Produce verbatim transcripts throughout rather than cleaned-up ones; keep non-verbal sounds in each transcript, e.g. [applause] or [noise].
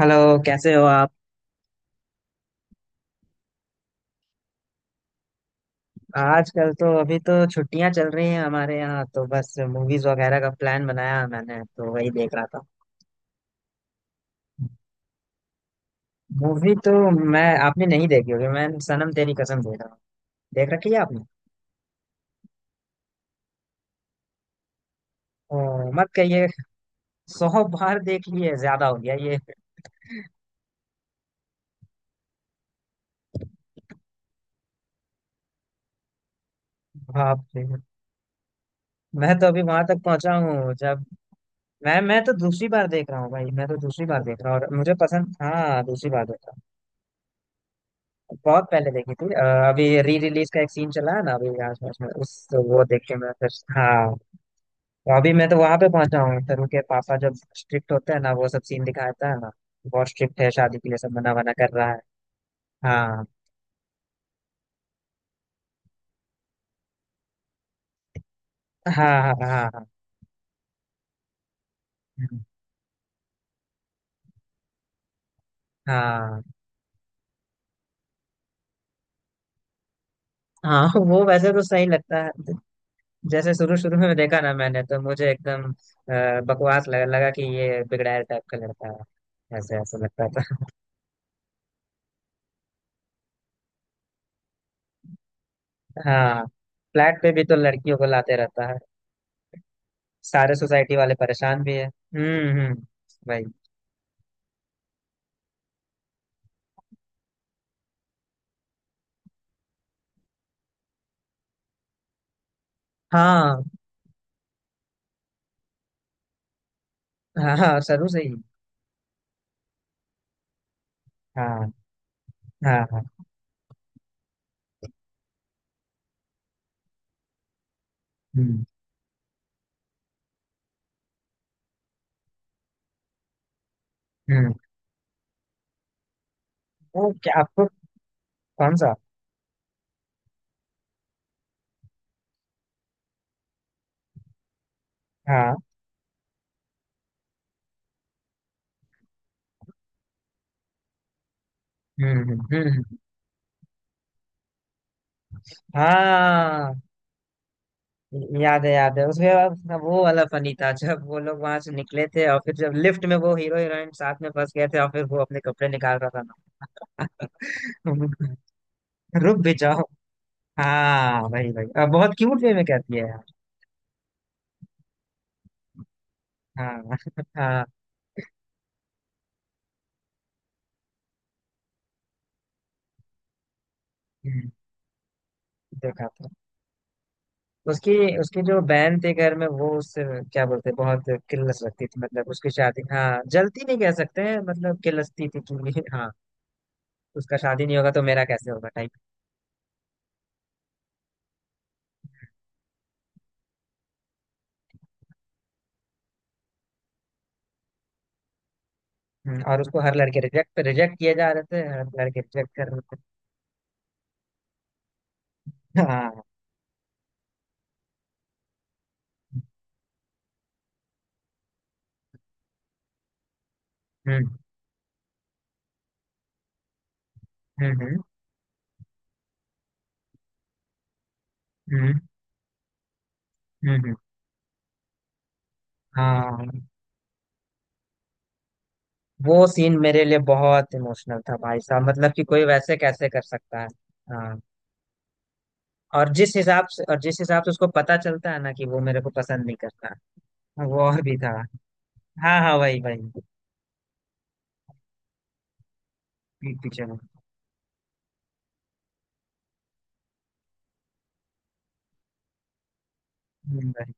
Hello. कैसे हो आप? आजकल तो अभी तो छुट्टियां चल रही हैं हमारे यहाँ, तो बस मूवीज वगैरह का प्लान बनाया मैंने, तो वही देख रहा था। मूवी तो, मैं आपने नहीं देखी होगी, मैं सनम तेरी कसम देख रहा हूँ। देख रखी है आपने? ओ, मत कहिए। सौ बार देख ली है, ज्यादा हो गया ये। बाप रे। मैं तो अभी वहां तक पहुंचा हूँ जब, मैं मैं तो दूसरी बार देख रहा हूँ भाई, मैं तो दूसरी बार देख रहा हूँ, और मुझे पसंद। हाँ, दूसरी बार देख रहा हूँ। बहुत पहले देखी थी। अ, अभी री रिलीज का एक सीन चला है ना, अभी आस पास में, उस वो देख के मैं फिर। हाँ। तो अभी मैं तो वहां पे पहुंचा हूँ, तरुण के पापा जब स्ट्रिक्ट होते हैं ना, वो सब सीन दिखाता है ना। बहुत स्ट्रिक्ट है, शादी के लिए सब मना वना कर रहा है। हाँ हाँ हाँ हाँ हाँ। हाँ हाँ। हाँ, वो वैसे तो सही लगता है। जैसे शुरू शुरू में देखा ना मैंने, तो मुझे एकदम अ, बकवास लगा लगा कि ये बिगड़ैल टाइप का लड़का है, ऐसे ऐसे लगता था। हाँ। फ्लैट पे भी तो लड़कियों को लाते रहता है। सारे सोसाइटी वाले परेशान भी है। हम्म हम्म। भाई। हाँ हाँ हाँ, सरू से ही। हाँ हाँ हाँ। हम्म हम्म। वो क्या आपको, कौन सा? हाँ। हम्म हम्म हम्म हम्म। हाँ, याद है याद है उसमें। अब वो वाला फनी था जब वो लोग वहां से निकले थे, और फिर जब लिफ्ट में वो हीरो हीरोइन साथ में फंस गए थे, और फिर वो अपने कपड़े निकाल रहा था। ना। [laughs] रुक भी जाओ। हाँ भाई भाई, अब बहुत क्यूट वे में कहती है यार। हाँ। हाँ। हम्म, देखा था। उसकी, उसकी जो बहन थी घर में, वो उससे क्या बोलते हैं, बहुत किल्लस रखती थी, मतलब उसकी शादी, हाँ, जलती नहीं कह सकते हैं, मतलब किल्लसती थी कि [laughs] हाँ। उसका शादी नहीं होगा तो मेरा कैसे होगा टाइप। हम्म, और उसको हर लड़के रिजेक्ट रिजेक्ट किए जा रहे थे, हर लड़के रिजेक्ट कर रहे थे। हाँ। हम्म हम्म हम्म हम्म। हम्म, हम्म, हाँ। वो सीन मेरे लिए बहुत इमोशनल था भाई साहब, मतलब कि कोई वैसे कैसे कर सकता है? हाँ, और जिस हिसाब से, और जिस हिसाब से उसको पता चलता है ना कि वो मेरे को पसंद नहीं करता, वो और भी था। हाँ हाँ, वही वही। पीठ पीछे में। हम्म, वही।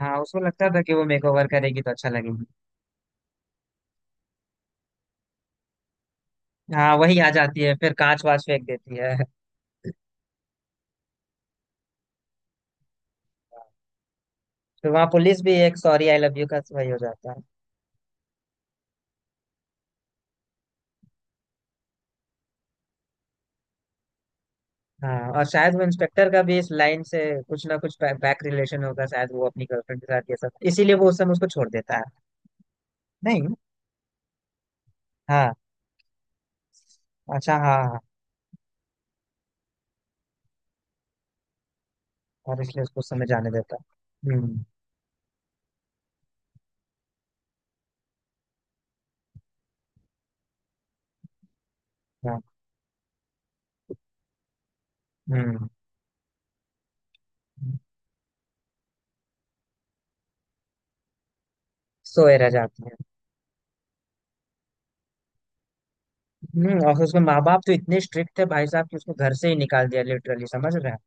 हाँ, उसको लगता था कि वो मेकओवर करेगी तो अच्छा लगेगी। हाँ, वही आ जाती है, फिर कांच वाच फेंक देती है। फिर वहाँ पुलिस भी, एक सॉरी आई लव यू का वही हो जाता है। हाँ, और शायद वो इंस्पेक्टर का भी इस लाइन से कुछ ना कुछ बैक रिलेशन होगा, शायद वो अपनी गर्लफ्रेंड के साथ, ये सब इसीलिए वो उस समय उसको छोड़ देता है। नहीं। हाँ। अच्छा, हाँ हाँ हाँ। और इसलिए उसको उस समय जाने देता है। हम्म। हाँ। हम्म। सोए रह जाती है। हम्म, और उसके माँ बाप तो इतने स्ट्रिक्ट थे भाई साहब कि उसको घर से ही निकाल दिया लिटरली, समझ रहे हैं?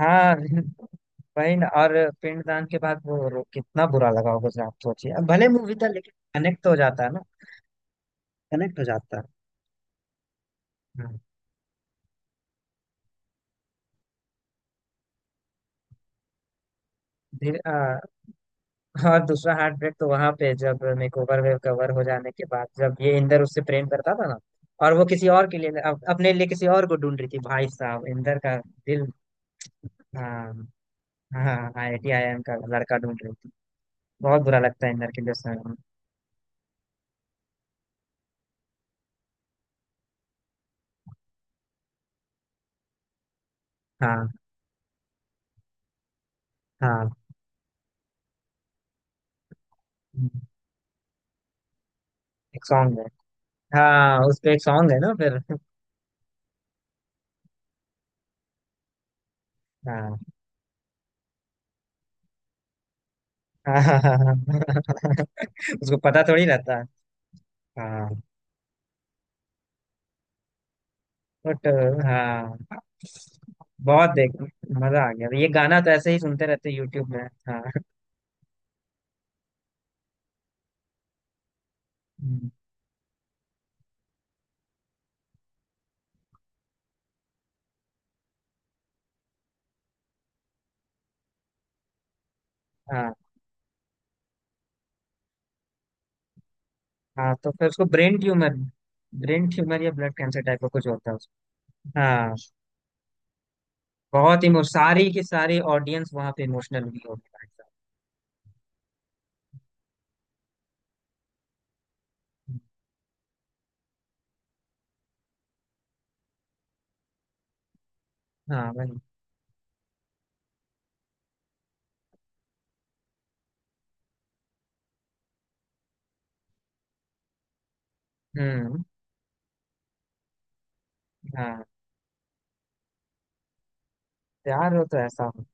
हाँ। [laughs] वही ना, और पिंडदान के बाद वो रो, कितना बुरा लगा होगा सर, आप सोचिए, अब भले मूवी था लेकिन कनेक्ट तो हो जाता है ना। कनेक्ट हो जाता है। हाँ। फिर आ, और दूसरा हार्ट ब्रेक तो वहां पे, जब मेकओवर में कवर हो जाने के बाद, जब ये इंदर उससे प्रेम करता था ना, और वो किसी और के लिए, अप- अपने लिए किसी और को ढूंढ रही थी भाई साहब, इंदर का दिल। हाँ हाँ, I I T I M का लड़का ढूंढ रही थी। बहुत बुरा लगता है इंदर के लिए। हाँ हाँ। हम्म, एक सॉन्ग है। हाँ, उस पे एक सॉन्ग है ना, फिर। हाँ। [laughs] हाँ हाँ हाँ हाँ। [laughs] उसको पता थोड़ी रहता है। हाँ। बट। हाँ, बहुत देख मजा आ गया, ये गाना तो ऐसे ही सुनते रहते यूट्यूब में। हाँ। हम्म, हाँ। हाँ तो फिर उसको ब्रेन ट्यूमर, ब्रेन ट्यूमर या ब्लड कैंसर टाइप का कुछ होता है उसको। हाँ। बहुत इमो सारी की सारी ऑडियंस वहां पे इमोशनल हुई होगी भाई साहब। हाँ भाई। हम्म। हाँ। प्यार हो तो ऐसा हो।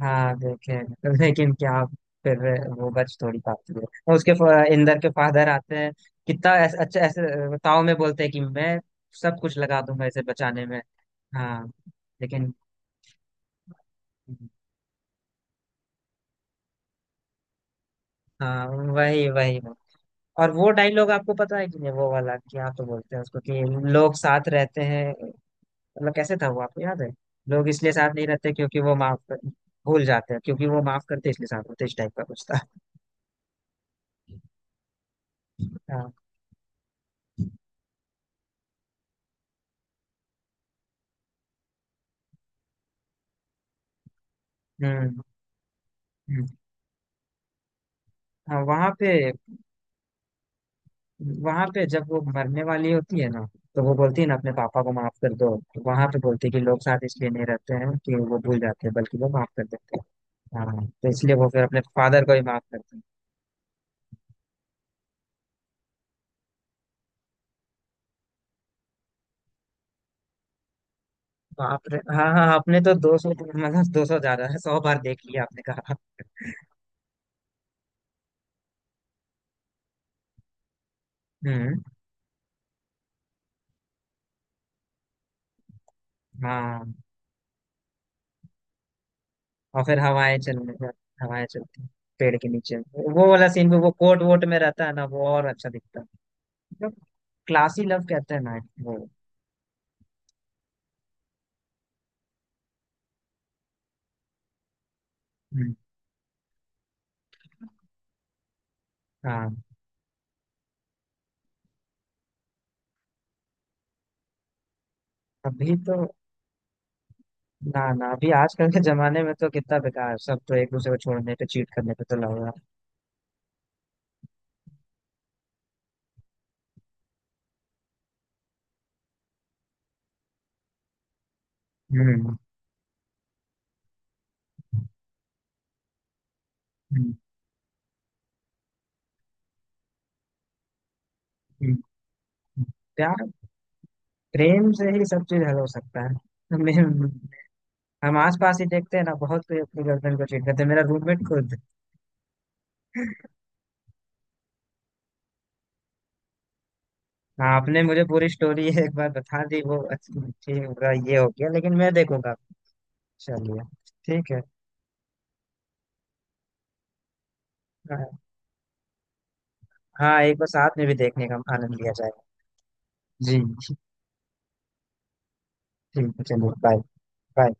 हाँ, देखे हैं। लेकिन क्या फिर वो बच थोड़ी पाती है? उसके फ- इंदर के फादर आते हैं, कितना ऐस, अच्छा ऐसे ताव में बोलते हैं कि मैं सब कुछ लगा दूंगा इसे बचाने में। हाँ। लेकिन हाँ, वही वही वही। और वो डायलॉग आपको पता है कि नहीं, वो वाला क्या तो बोलते हैं उसको कि लोग साथ रहते हैं, मतलब कैसे था वो आपको याद है? लोग इसलिए साथ नहीं रहते क्योंकि वो माफ कर, भूल जाते हैं, क्योंकि वो माफ करते हैं, इसलिए साथ होते हैं, इस टाइप का कुछ था। हाँ। हम्म हम्म। हाँ वहां पे, वहां पे जब वो मरने वाली होती है ना, तो वो बोलती है ना अपने पापा को माफ कर दो, वहां पे बोलती है कि लोग साथ इसलिए नहीं रहते हैं कि वो भूल जाते हैं, बल्कि वो माफ कर देते हैं। हाँ, तो इसलिए वो फिर अपने फादर को ही माफ करते हैं। बाप रे, हाँ हाँ, आपने तो दो सौ, मतलब दो सौ ज्यादा है, सौ बार देख लिया आपने, कहा। हम्म। हाँ, और फिर हवाएं चलने पर, हवाएं चलती हैं, पेड़ के नीचे, वो वाला सीन भी, वो कोट वोट में रहता है ना, वो और अच्छा दिखता है। क्लासी लव कहते हैं ना, वो। हम्म, हाँ। अभी तो, ना ना, अभी आजकल के जमाने में तो कितना बेकार, सब तो एक दूसरे को छोड़ने पे, चीट करने पे तो लग रहा है। हम्म हम्म, हम्म, हम्म। प्यार, प्रेम से ही सब चीज हल हो सकता है। हमें- हम आस पास ही देखते हैं ना, बहुत कोई अपनी गर्लफ्रेंड को चीट करते हैं, मेरा रूममेट खुद। हाँ, आपने मुझे पूरी स्टोरी [laughs] एक बार बता दी, वो अच्छी, ठीक होगा, ये हो गया, लेकिन मैं देखूंगा। चलिए। ठीक है। हाँ। हाँ, एक बार साथ में भी देखने का आनंद लिया जाएगा। जी। ठीक है, चलिए, बाय। बाय।